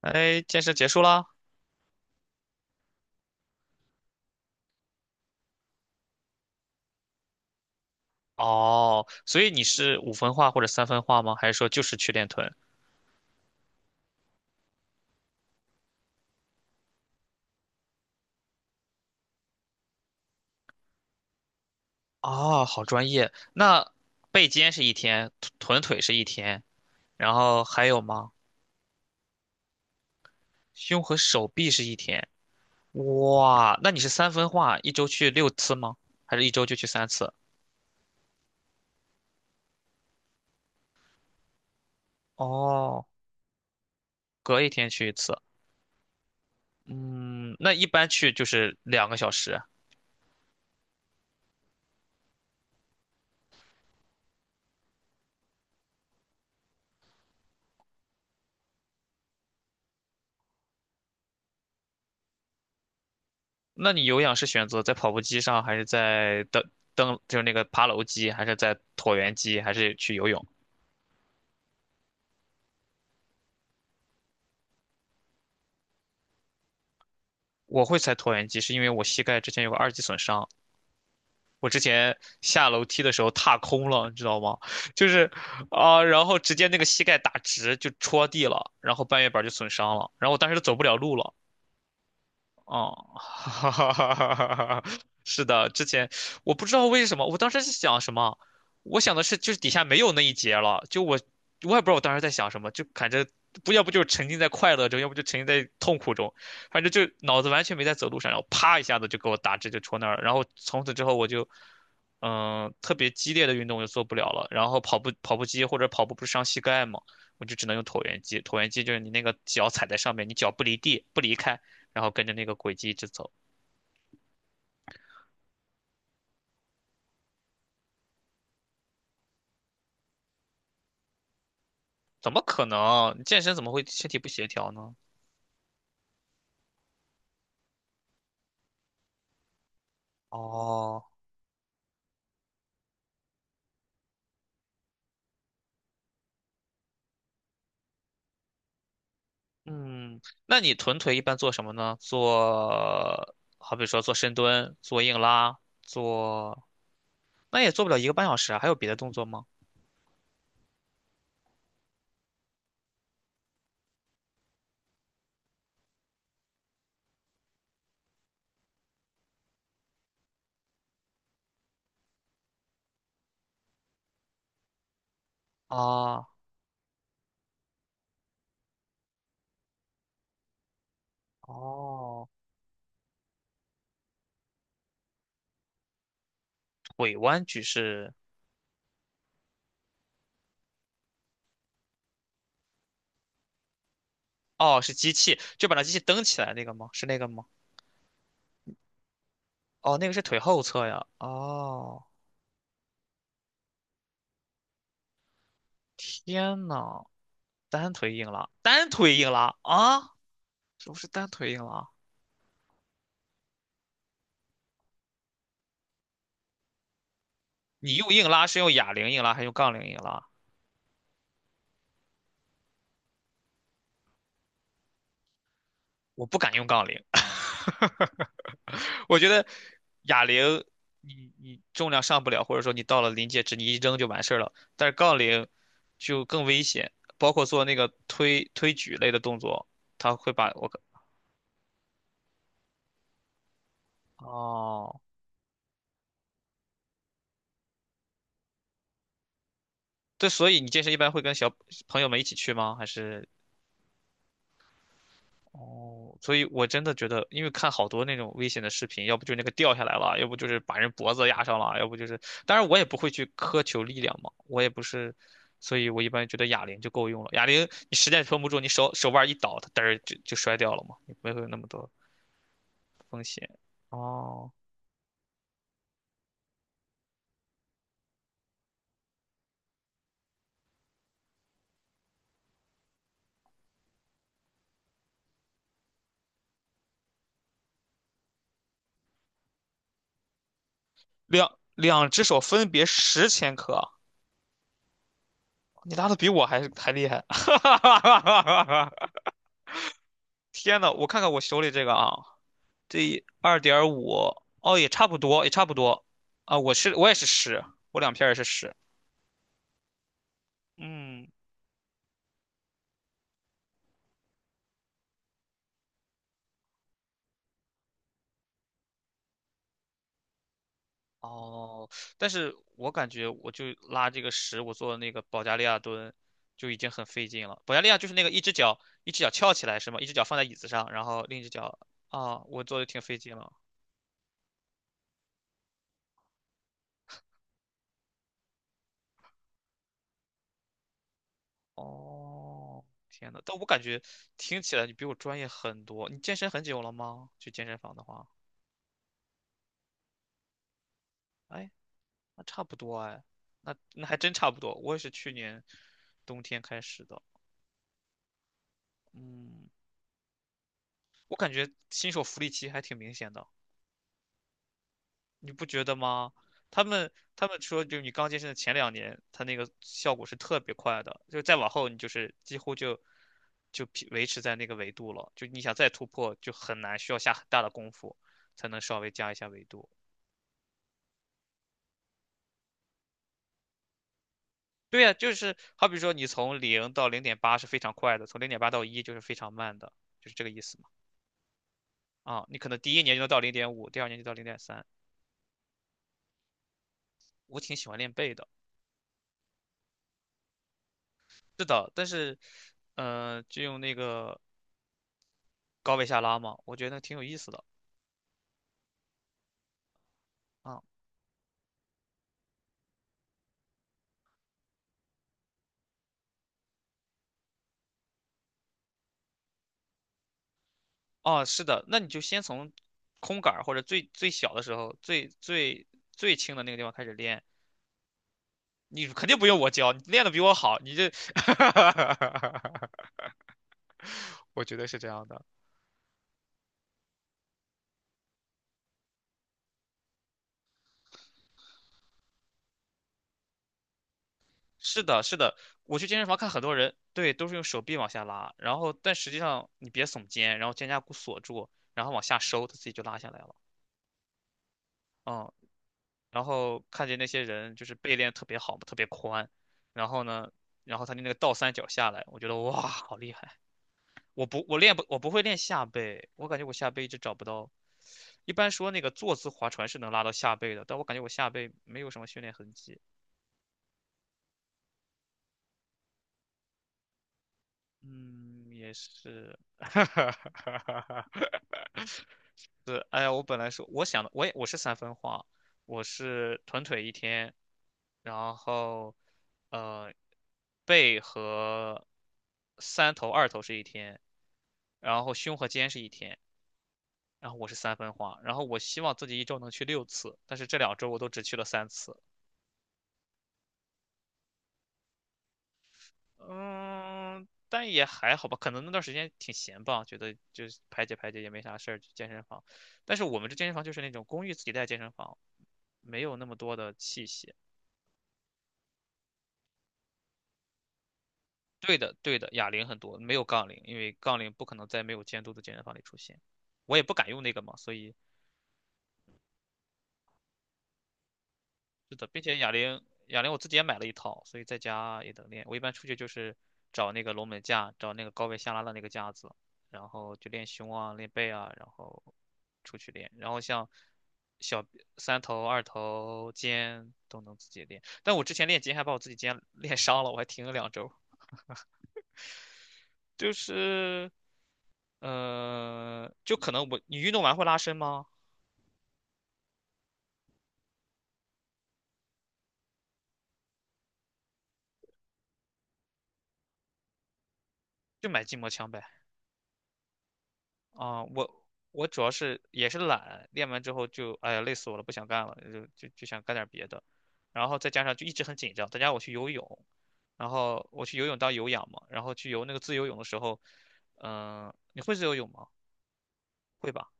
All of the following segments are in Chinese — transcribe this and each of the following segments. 哎，健身结束啦？哦，所以你是五分化或者三分化吗？还是说就是去练臀？啊，好专业。那背肩是一天，臀腿是一天，然后还有吗？胸和手臂是一天。哇，那你是三分化，一周去六次吗？还是一周就去三次？哦，隔一天去一次。嗯，那一般去就是2个小时。那你有氧是选择在跑步机上，还是在登就是那个爬楼机，还是在椭圆机，还是去游泳？我会踩椭圆机，是因为我膝盖之前有个2级损伤，我之前下楼梯的时候踏空了，你知道吗？就是然后直接那个膝盖打直就戳地了，然后半月板就损伤了，然后我当时都走不了路了。哦，哈哈哈哈哈哈！是的，之前我不知道为什么，我当时是想什么，我想的是就是底下没有那一节了，就我也不知道我当时在想什么，就感觉不要不就沉浸在快乐中，要不就沉浸在痛苦中，反正就脑子完全没在走路上，然后啪一下子就给我打直就戳那儿了，然后从此之后我就特别激烈的运动我就做不了了，然后跑步机或者跑步不是伤膝盖吗？我就只能用椭圆机，椭圆机就是你那个脚踩在上面，你脚不离地不离开。然后跟着那个轨迹一直走。怎么可能？健身怎么会身体不协调呢？哦，嗯，那你臀腿一般做什么呢？做，好比说做深蹲、做硬拉、做，那也做不了1个半小时啊。还有别的动作吗？啊，哦，腿弯举是，哦，是机器，就把那机器蹬起来那个吗？是那个吗？哦，那个是腿后侧呀。哦，天呐，单腿硬拉啊，不是单腿硬拉？你用硬拉是用哑铃硬拉还是用杠铃硬拉？我不敢用杠铃，我觉得哑铃你重量上不了，或者说你到了临界值你一扔就完事儿了，但是杠铃就更危险，包括做那个推举类的动作，它会把我哦，对，所以你健身一般会跟小朋友们一起去吗？还是？哦，所以我真的觉得，因为看好多那种危险的视频，要不就那个掉下来了，要不就是把人脖子压上了，要不就是，当然我也不会去苛求力量嘛，我也不是，所以我一般觉得哑铃就够用了。哑铃你实在撑不住，你手腕一倒，它嘚儿就摔掉了嘛，也不会有那么多风险。哦，两两只手分别10千克啊，你拉的比我还厉害，天呐，我看看我手里这个啊。对，2.5，哦，也差不多，也差不多。啊，我也是十，我两片儿也是十。嗯，哦，但是我感觉我就拉这个十，我做那个保加利亚蹲就已经很费劲了。保加利亚就是那个一只脚翘起来是吗？一只脚放在椅子上，然后另一只脚啊，我做的挺费劲了。哦，天呐，但我感觉听起来你比我专业很多。你健身很久了吗？去健身房的话，哎那差不多哎，那还真差不多。我也是去年冬天开始的，嗯，我感觉新手福利期还挺明显的，你不觉得吗？他们说，就你刚健身的前2年，他那个效果是特别快的，就再往后你就是几乎就维持在那个维度了，就你想再突破就很难，需要下很大的功夫才能稍微加一下维度。对呀，就是好比说你从0到0.8是非常快的，从0.8到1就是非常慢的，就是这个意思。啊，你可能第一年就能到0.5，第二年就到0.3。我挺喜欢练背的，是的，但是，就用那个高位下拉嘛，我觉得挺有意思的啊。哦，是的，那你就先从空杆儿或者最最小的时候，最轻的那个地方开始练。你肯定不用我教，你练的比我好，你这，我觉得是这样的。是的，是的，我去健身房看很多人，对，都是用手臂往下拉，然后但实际上你别耸肩，然后肩胛骨锁住，然后往下收，它自己就拉下来了。嗯，然后看见那些人就是背练得特别好嘛，特别宽，然后呢，然后他的那个倒三角下来，我觉得哇，好厉害！我不会练下背，我感觉我下背一直找不到。一般说那个坐姿划船是能拉到下背的，但我感觉我下背没有什么训练痕迹。嗯，也是。是，哎呀，我本来说我想的，我是三分化，我是臀腿一天，然后呃背和三头二头是一天，然后胸和肩是一天，然后我是三分化，然后我希望自己一周能去六次，但是这2周我都只去了三次，嗯，但也还好吧，可能那段时间挺闲吧，觉得就是排解排解也没啥事儿，去健身房，但是我们这健身房就是那种公寓自己带健身房，没有那么多的器械。对的，对的，哑铃很多，没有杠铃，因为杠铃不可能在没有监督的健身房里出现。我也不敢用那个嘛，所以是的，并且哑铃，哑铃我自己也买了一套，所以在家也能练。我一般出去就是找那个龙门架，找那个高位下拉的那个架子，然后就练胸啊，练背啊，然后出去练。然后像小三头、二头、肩都能自己练，但我之前练肩还把我自己肩练伤了，我还停了两周。就是，就可能你运动完会拉伸吗？就买筋膜枪呗。啊，我主要是也是懒，练完之后就哎呀累死我了，不想干了，就想干点别的，然后再加上就一直很紧张，再加上我去游泳，然后我去游泳当有氧嘛，然后去游那个自由泳的时候，你会自由泳吗？会吧？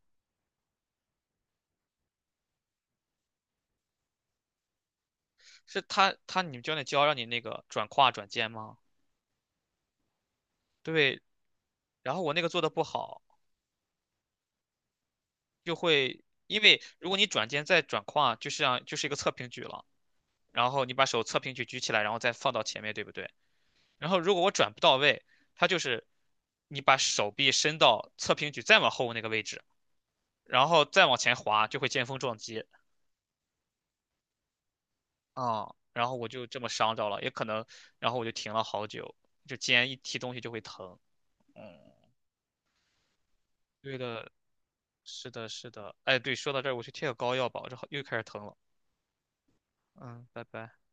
是你们教练教让你那个转胯转肩吗？对，然后我那个做的不好，就会，因为如果你转肩再转胯，就像就是一个侧平举了。然后你把手侧平举举起来，然后再放到前面，对不对？然后如果我转不到位，它就是你把手臂伸到侧平举再往后那个位置，然后再往前滑，就会见峰撞击啊。然后我就这么伤着了，也可能，然后我就停了好久，就肩一提东西就会疼。嗯，对的，是的，是的。哎，对，说到这儿，我去贴个膏药吧，我这好又开始疼了。嗯，拜拜。